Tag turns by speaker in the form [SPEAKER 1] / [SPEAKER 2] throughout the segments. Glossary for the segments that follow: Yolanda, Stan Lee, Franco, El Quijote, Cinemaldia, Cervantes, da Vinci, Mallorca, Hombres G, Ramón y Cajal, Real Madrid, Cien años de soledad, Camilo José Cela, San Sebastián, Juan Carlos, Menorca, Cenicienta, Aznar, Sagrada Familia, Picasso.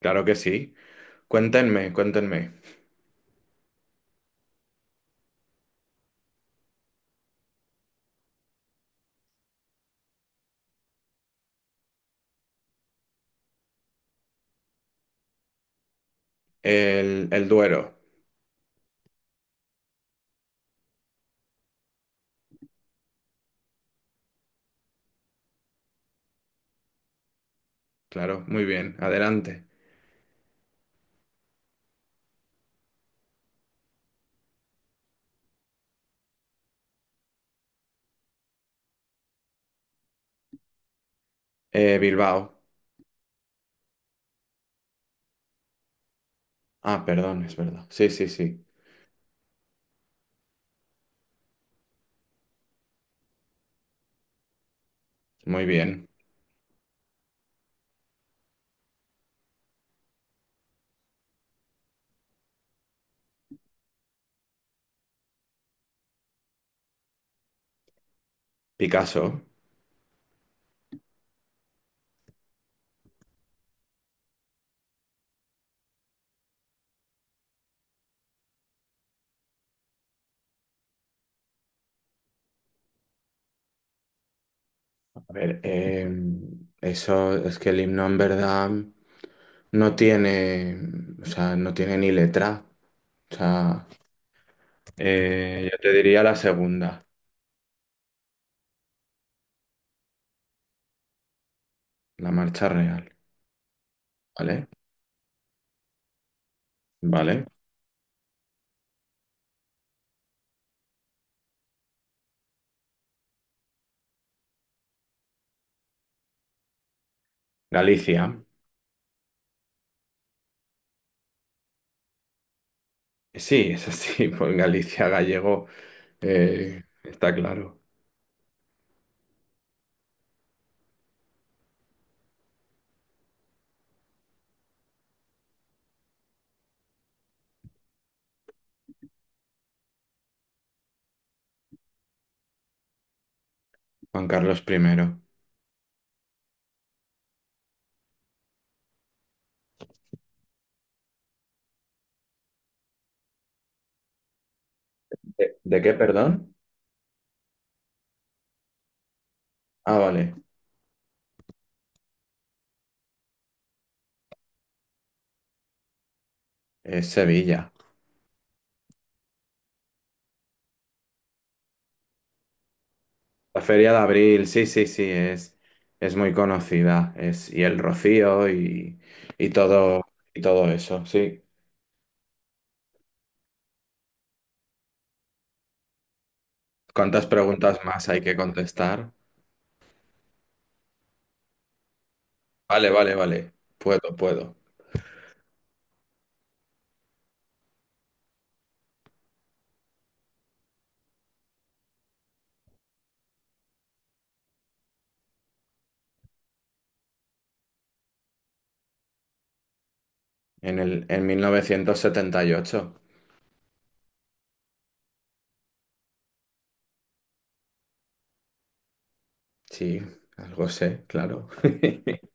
[SPEAKER 1] Claro que sí. Cuéntenme, cuéntenme. El Duero. Claro, muy bien. Adelante. Bilbao. Ah, perdón, es verdad. Sí, sí, sí. Muy bien. Picasso. A ver, eso es que el himno en verdad no tiene, o sea, no tiene ni letra. O sea, yo te diría la segunda, la marcha real. ¿Vale? ¿Vale? Galicia. Sí, es así, pues Galicia gallego. Está claro. Juan Carlos primero. ¿¿De qué, perdón? Ah, vale. Es Sevilla. La Feria de Abril, sí, sí, sí, es muy conocida. Es, y el Rocío y todo, y todo eso, sí. ¿Cuántas preguntas más hay que contestar? Vale, vale, vale. Puedo, puedo. En mil novecientos setenta y ocho. Sí, algo sé, claro.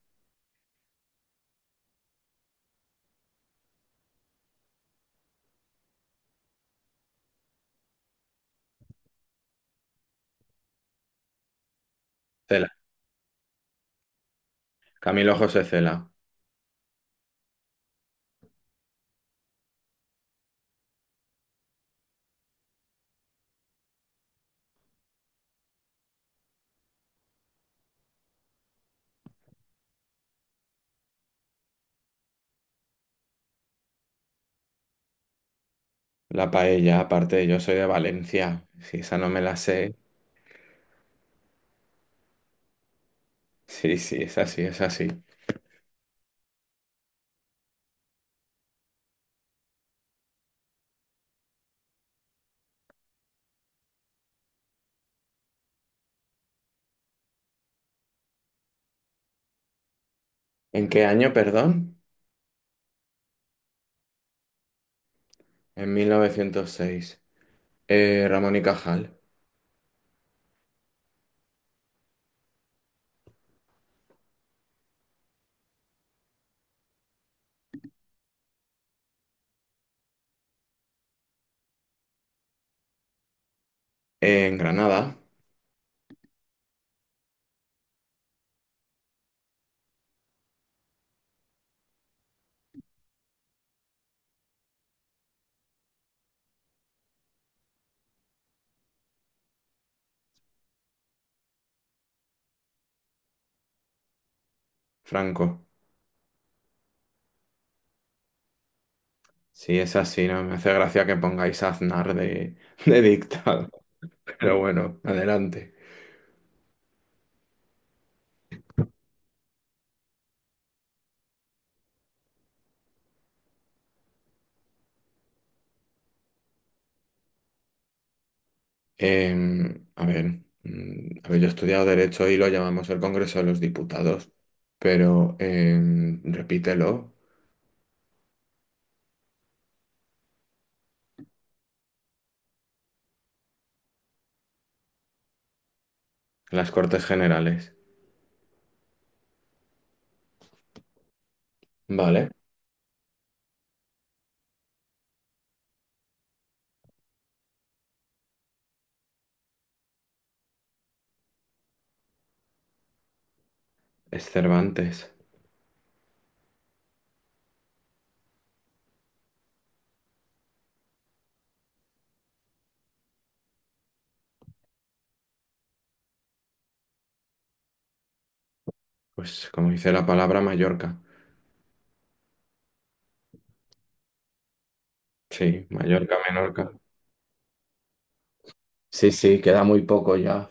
[SPEAKER 1] Cela, Camilo José Cela. La paella, aparte, yo soy de Valencia. Si esa no me la sé. Sí, sí, es así, es así. ¿En qué año, perdón? En 1906. Ramón y Cajal. En Granada. Franco. Sí, es así, ¿no? Me hace gracia que pongáis a Aznar de, de dictado. Pero bueno, adelante. A ver, a ver, yo he estudiado Derecho y lo llamamos el Congreso de los Diputados. Pero repítelo, las Cortes Generales. Vale. Es Cervantes. Pues como dice la palabra, Mallorca. Sí, Mallorca, Menorca. Sí, sí, queda muy poco ya.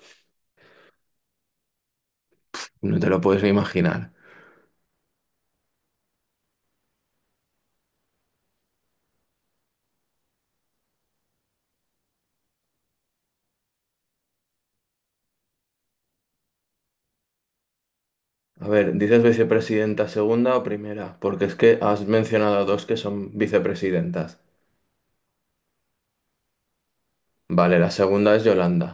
[SPEAKER 1] No te lo puedes ni imaginar. A ver, ¿dices vicepresidenta segunda o primera? Porque es que has mencionado dos que son vicepresidentas. Vale, la segunda es Yolanda.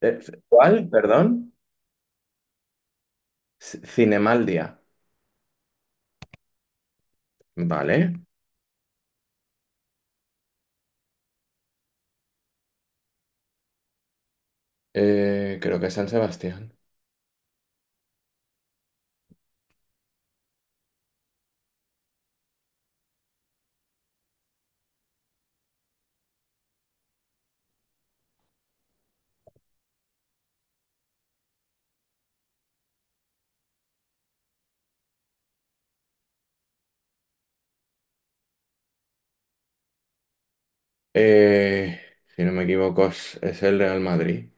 [SPEAKER 1] Eh, ¿Cuál? Perdón. Cinemaldia. Vale. Creo que es San Sebastián. Eh, si no me equivoco, es el Real Madrid.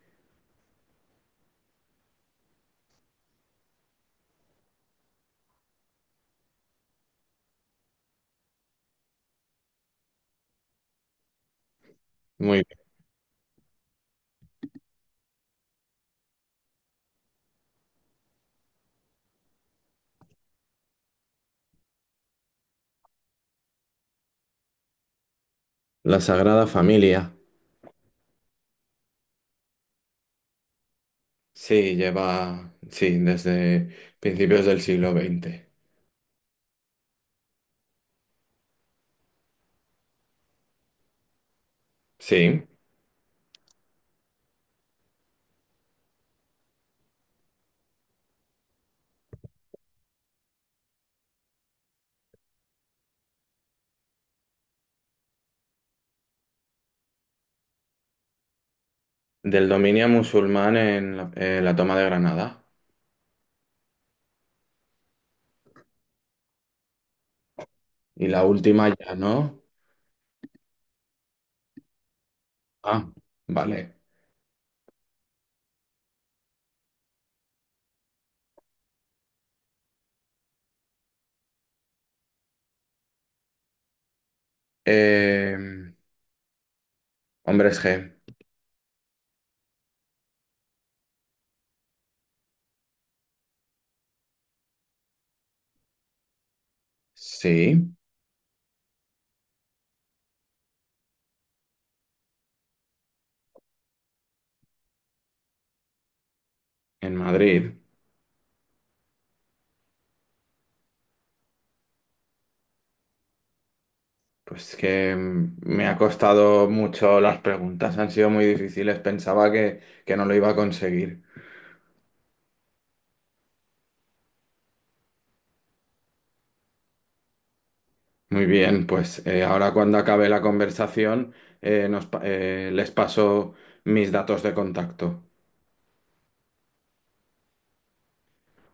[SPEAKER 1] Muy bien. La Sagrada Familia. Sí, lleva, sí, desde principios del siglo XX. Sí, del dominio musulmán en la toma de Granada. Y la última ya, ¿no? Ah, vale. Eh, Hombres G. Sí, en Madrid. Pues que me ha costado mucho las preguntas, han sido muy difíciles. Pensaba que no lo iba a conseguir. Muy bien, pues ahora cuando acabe la conversación, les paso mis datos de contacto.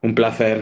[SPEAKER 1] Un placer.